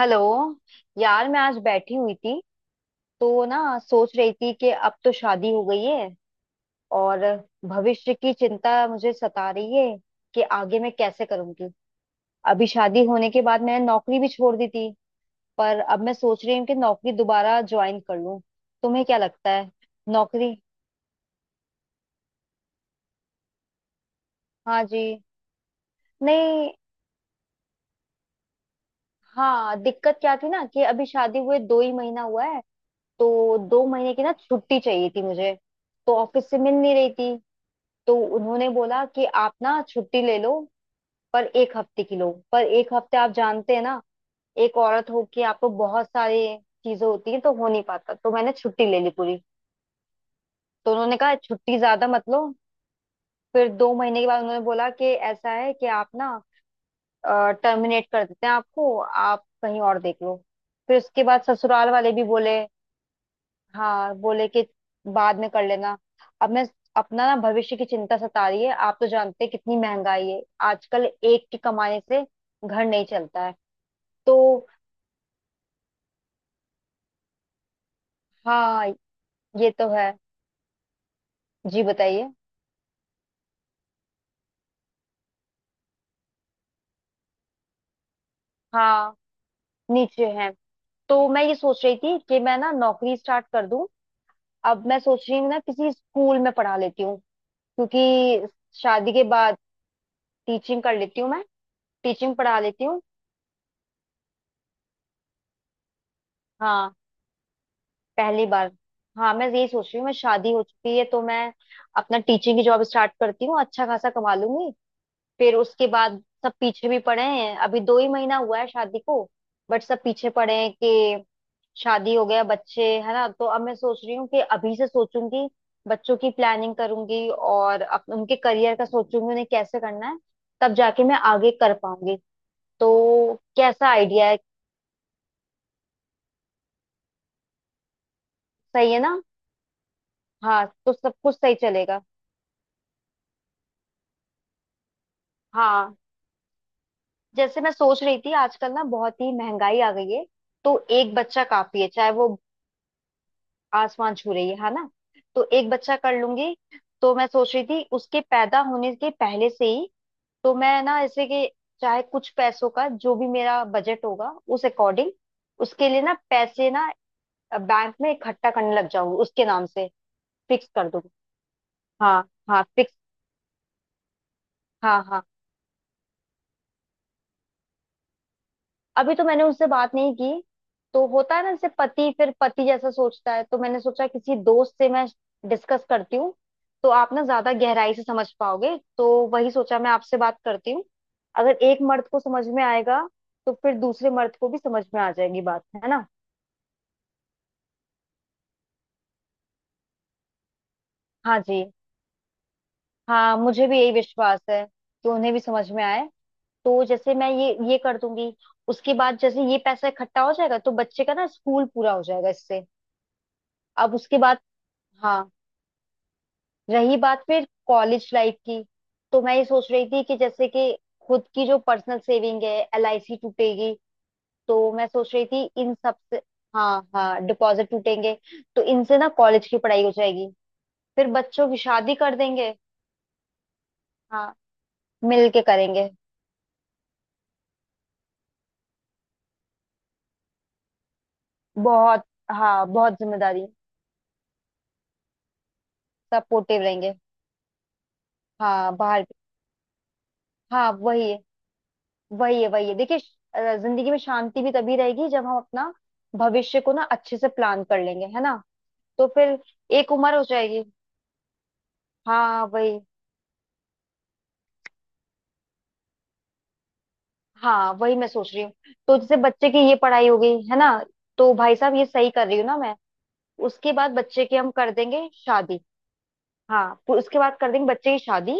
Hello. यार मैं आज बैठी हुई थी तो ना सोच रही थी कि अब तो शादी हो गई है और भविष्य की चिंता मुझे सता रही है कि आगे मैं कैसे करूंगी। अभी शादी होने के बाद मैंने नौकरी भी छोड़ दी थी पर अब मैं सोच रही हूँ कि नौकरी दोबारा ज्वाइन कर लूं। तुम्हें क्या लगता है? नौकरी। हाँ जी। नहीं। हाँ, दिक्कत क्या थी ना कि अभी शादी हुए 2 ही महीना हुआ है। तो दो महीने की ना छुट्टी चाहिए थी मुझे। तो ऑफिस से मिल नहीं रही थी। तो उन्होंने बोला कि आप ना छुट्टी ले लो पर एक हफ्ते की लो, पर एक हफ्ते आप जानते हैं ना। एक औरत हो के आपको बहुत सारी चीजें होती हैं तो हो नहीं पाता, तो मैंने छुट्टी ले ली पूरी। तो उन्होंने कहा छुट्टी ज्यादा मत लो। फिर दो महीने के बाद उन्होंने बोला कि ऐसा है कि आप ना टर्मिनेट कर देते हैं आपको, आप कहीं और देख लो। फिर उसके बाद ससुराल वाले भी बोले। हाँ, बोले कि बाद में कर लेना। अब मैं अपना ना भविष्य की चिंता सता रही है। आप तो जानते हैं कितनी महंगाई है आजकल। एक की कमाने से घर नहीं चलता है। तो हाँ, ये तो है। जी बताइए। हाँ, नीचे हैं। तो मैं ये सोच रही थी कि मैं ना नौकरी स्टार्ट कर दूं। अब मैं सोच रही हूँ ना किसी स्कूल में पढ़ा लेती हूँ। क्योंकि शादी के बाद टीचिंग कर लेती हूँ मैं। टीचिंग पढ़ा लेती हूँ। हाँ, पहली बार। हाँ, मैं यही सोच रही हूँ, मैं शादी हो चुकी है तो मैं अपना टीचिंग की जॉब स्टार्ट करती हूँ, अच्छा खासा कमा लूंगी। फिर उसके बाद सब पीछे भी पड़े हैं, अभी 2 ही महीना हुआ है शादी को। बट सब पीछे पड़े हैं कि शादी हो गया बच्चे है ना। तो अब मैं सोच रही हूँ कि अभी से सोचूंगी, बच्चों की प्लानिंग करूंगी और उनके करियर का सोचूंगी उन्हें कैसे करना है। तब जाके मैं आगे कर पाऊंगी। तो कैसा आइडिया है? सही है ना। हाँ, तो सब कुछ सही चलेगा। हाँ, जैसे मैं सोच रही थी आजकल ना बहुत ही महंगाई आ गई है। तो एक बच्चा काफी है, चाहे वो आसमान छू रही है ना। तो एक बच्चा कर लूंगी। तो मैं सोच रही थी उसके पैदा होने के पहले से ही, तो मैं ना ऐसे कि चाहे कुछ पैसों का जो भी मेरा बजट होगा, उस अकॉर्डिंग उसके लिए ना पैसे ना बैंक में इकट्ठा करने लग जाऊंगी उसके नाम से। फिक्स कर दूंगी। हाँ हाँ, फिक्स। हाँ हाँ, अभी तो मैंने उससे बात नहीं की। तो होता है ना, जैसे पति फिर पति जैसा सोचता है, तो मैंने सोचा किसी दोस्त से मैं डिस्कस करती हूँ। तो आप ना ज्यादा गहराई से समझ पाओगे, तो वही सोचा मैं आपसे बात करती हूँ। अगर एक मर्द को समझ में आएगा तो फिर दूसरे मर्द को भी समझ में आ जाएगी, बात है ना। हाँ जी। हाँ, मुझे भी यही विश्वास है कि उन्हें भी समझ में आए। तो जैसे मैं ये कर दूंगी, उसके बाद जैसे ये पैसा इकट्ठा हो जाएगा तो बच्चे का ना स्कूल पूरा हो जाएगा इससे। अब उसके बाद, हाँ, रही बात फिर कॉलेज लाइफ की। तो मैं ये सोच रही थी कि जैसे कि खुद की जो पर्सनल सेविंग है, एलआईसी टूटेगी। तो मैं सोच रही थी इन सब से। हाँ हाँ, डिपॉजिट टूटेंगे। तो इनसे ना कॉलेज की पढ़ाई हो जाएगी। फिर बच्चों की शादी कर देंगे। हाँ, मिल के करेंगे। बहुत, हाँ बहुत जिम्मेदारी। सपोर्टिव रहेंगे। हाँ, बाहर। हाँ, वही है। वही है, वही है, देखिए। जिंदगी में शांति भी तभी रहेगी जब हम अपना भविष्य को ना अच्छे से प्लान कर लेंगे, है ना। तो फिर एक उम्र हो जाएगी। हाँ, वही। हाँ, वही मैं सोच रही हूँ। तो जैसे बच्चे की ये पढ़ाई हो गई है ना। तो भाई साहब, ये सही कर रही हूँ ना मैं। उसके बाद बच्चे की हम कर देंगे शादी। हाँ, फिर उसके बाद कर देंगे बच्चे की शादी।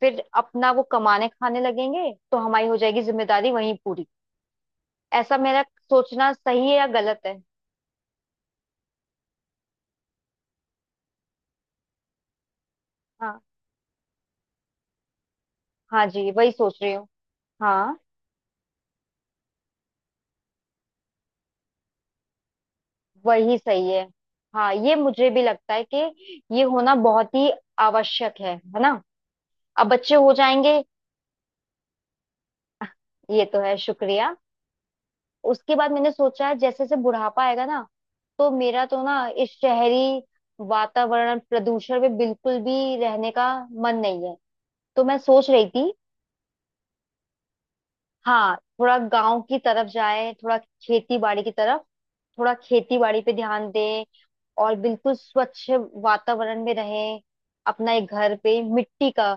फिर अपना वो कमाने खाने लगेंगे तो हमारी हो जाएगी जिम्मेदारी वहीं पूरी। ऐसा मेरा सोचना सही है या गलत है? हाँ हाँ जी, वही सोच रही हूँ। हाँ, वही सही है। हाँ, ये मुझे भी लगता है कि ये होना बहुत ही आवश्यक है ना। अब बच्चे हो जाएंगे। आह, ये तो है शुक्रिया। उसके बाद मैंने सोचा है, जैसे जैसे बुढ़ापा आएगा ना, तो मेरा तो ना इस शहरी वातावरण प्रदूषण में बिल्कुल भी रहने का मन नहीं है। तो मैं सोच रही थी, हाँ, थोड़ा गांव की तरफ जाए, थोड़ा खेती बाड़ी की तरफ। थोड़ा खेती बाड़ी पे ध्यान दें और बिल्कुल स्वच्छ वातावरण में रहें, अपना एक घर पे मिट्टी का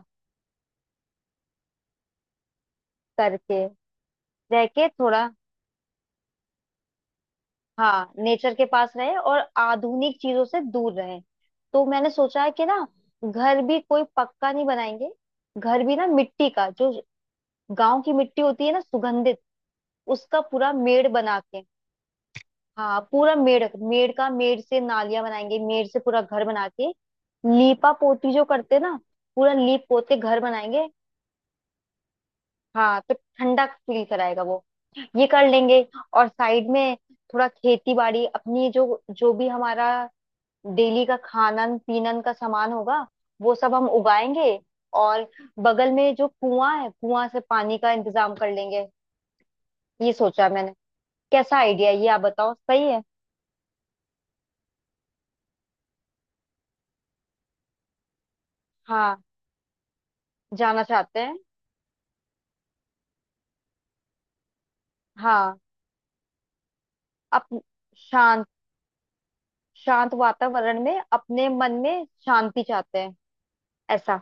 करके, रह के थोड़ा। हाँ, नेचर के पास रहे और आधुनिक चीजों से दूर रहे। तो मैंने सोचा है कि ना घर भी कोई पक्का नहीं बनाएंगे। घर भी ना मिट्टी का, जो गांव की मिट्टी होती है ना सुगंधित, उसका पूरा मेड़ बना के। हाँ, पूरा मेड़, मेड़ का, मेड़ से नालियां बनाएंगे, मेड़ से पूरा घर बना के लीपा पोती जो करते हैं ना, पूरा लीप पोत के घर बनाएंगे। हाँ, तो ठंडा फील कराएगा वो। ये कर लेंगे। और साइड में थोड़ा खेती बाड़ी अपनी, जो जो भी हमारा डेली का खानन पीनन का सामान होगा, वो सब हम उगाएंगे। और बगल में जो कुआं है, कुआं से पानी का इंतजाम कर लेंगे। ये सोचा है मैंने। कैसा आइडिया है ये, आप बताओ सही है? हाँ, जाना चाहते हैं। हाँ, अप शांत शांत वातावरण में अपने मन में शांति चाहते हैं ऐसा।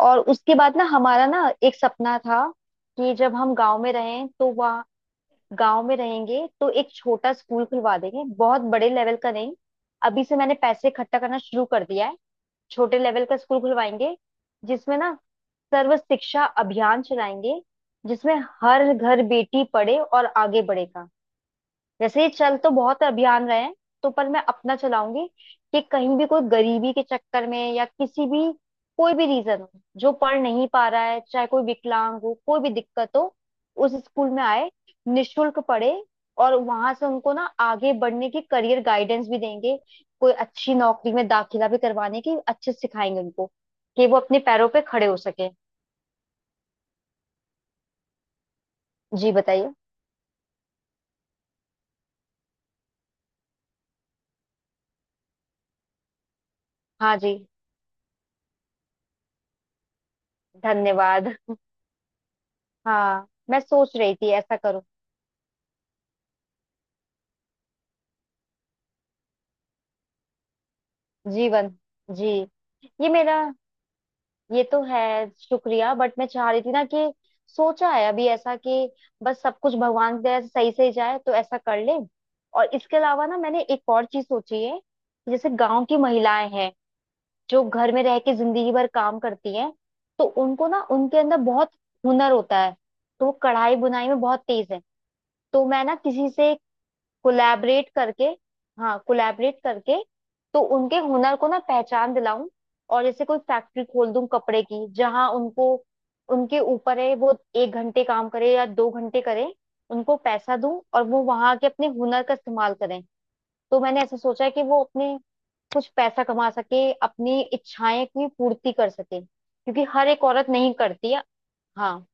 और उसके बाद ना हमारा ना एक सपना था कि जब हम गांव में रहें तो वहाँ गांव में रहेंगे तो एक छोटा स्कूल खुलवा देंगे, बहुत बड़े लेवल का नहीं। अभी से मैंने पैसे इकट्ठा करना शुरू कर दिया है। छोटे लेवल का स्कूल खुलवाएंगे, जिसमें ना सर्व शिक्षा अभियान चलाएंगे, जिसमें हर घर बेटी पढ़े और आगे बढ़ेगा। वैसे ये चल तो बहुत अभियान रहे हैं, तो पर मैं अपना चलाऊंगी कि कहीं भी कोई गरीबी के चक्कर में या किसी भी कोई भी रीजन हो जो पढ़ नहीं पा रहा है, चाहे कोई विकलांग हो कोई भी दिक्कत हो, उस स्कूल में आए, निशुल्क पढ़े। और वहां से उनको ना आगे बढ़ने की करियर गाइडेंस भी देंगे। कोई अच्छी नौकरी में दाखिला भी करवाने की अच्छे से सिखाएंगे उनको, कि वो अपने पैरों पे खड़े हो सके। जी बताइए। हाँ जी, धन्यवाद। हाँ, मैं सोच रही थी ऐसा करूँ जीवन। जी, ये मेरा। ये तो है शुक्रिया, बट मैं चाह रही थी ना कि सोचा है अभी ऐसा कि बस सब कुछ भगवान की दया से सही से ही जाए तो ऐसा कर ले। और इसके अलावा ना मैंने एक और चीज सोची है। जैसे गांव की महिलाएं हैं जो घर में रह के जिंदगी भर काम करती हैं, तो उनको ना उनके अंदर बहुत हुनर होता है। तो वो कढ़ाई बुनाई में बहुत तेज है। तो मैं ना किसी से कोलैबोरेट करके, हाँ, कोलैबोरेट करके, तो उनके हुनर को ना पहचान दिलाऊं। और जैसे कोई फैक्ट्री खोल दूं कपड़े की, जहां उनको, उनके ऊपर है वो एक घंटे काम करे या 2 घंटे करे। उनको पैसा दूं और वो वहां के अपने हुनर का इस्तेमाल करें। तो मैंने ऐसा सोचा है कि वो अपने कुछ पैसा कमा सके, अपनी इच्छाएं की पूर्ति कर सके, क्योंकि हर एक औरत नहीं करती है। हाँ,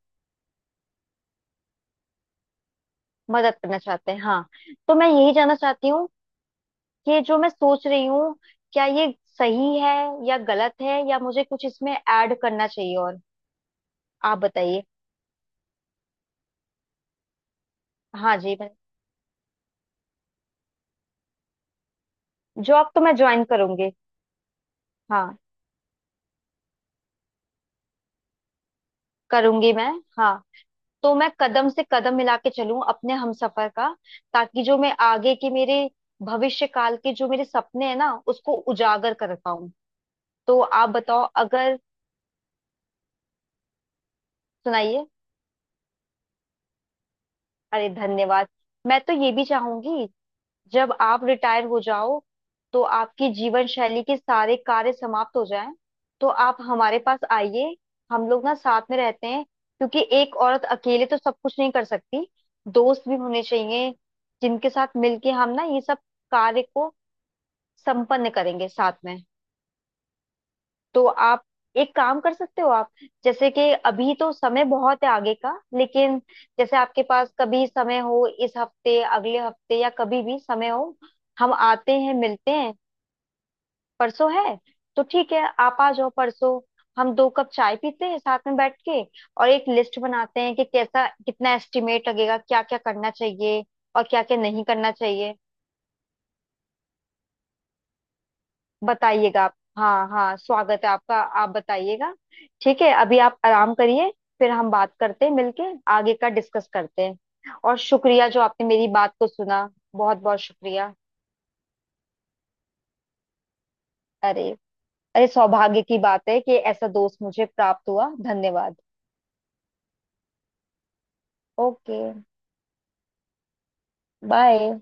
मदद करना चाहते हैं हाँ। तो मैं यही जानना चाहती हूँ, ये जो मैं सोच रही हूँ, क्या ये सही है या गलत है, या मुझे कुछ इसमें ऐड करना चाहिए? और आप बताइए। हाँ जी, मैं, जॉब तो मैं ज्वाइन करूंगी। हाँ, करूंगी मैं। हाँ, तो मैं कदम से कदम मिला के चलूं अपने हमसफर का, ताकि जो मैं आगे के मेरे भविष्य काल के जो मेरे सपने हैं ना उसको उजागर कर पाऊं। तो आप बताओ, अगर, सुनाइए। अरे, धन्यवाद। मैं तो ये भी चाहूंगी, जब आप रिटायर हो जाओ तो आपकी जीवन शैली के सारे कार्य समाप्त हो जाएं, तो आप हमारे पास आइए। हम लोग ना साथ में रहते हैं, क्योंकि एक औरत अकेले तो सब कुछ नहीं कर सकती, दोस्त भी होने चाहिए जिनके साथ मिलके हम ना ये सब कार्य को संपन्न करेंगे साथ में। तो आप एक काम कर सकते हो आप, जैसे कि अभी तो समय बहुत है आगे का, लेकिन जैसे आपके पास कभी समय हो, इस हफ्ते, अगले हफ्ते, या कभी भी समय हो, हम आते हैं मिलते हैं। परसों है, तो ठीक है, आप आ जाओ परसों। हम 2 कप चाय पीते हैं साथ में बैठ के और एक लिस्ट बनाते हैं कि कैसा, कितना एस्टिमेट लगेगा, क्या क्या करना चाहिए और क्या क्या नहीं करना चाहिए। बताइएगा आप, हाँ हाँ, स्वागत है आपका, आप बताइएगा। ठीक है, अभी आप आराम करिए। फिर हम बात करते हैं मिलके, आगे का डिस्कस करते हैं। और शुक्रिया जो आपने मेरी बात को सुना, बहुत बहुत शुक्रिया। अरे, अरे, सौभाग्य की बात है कि ऐसा दोस्त मुझे प्राप्त हुआ, धन्यवाद। Okay, bye.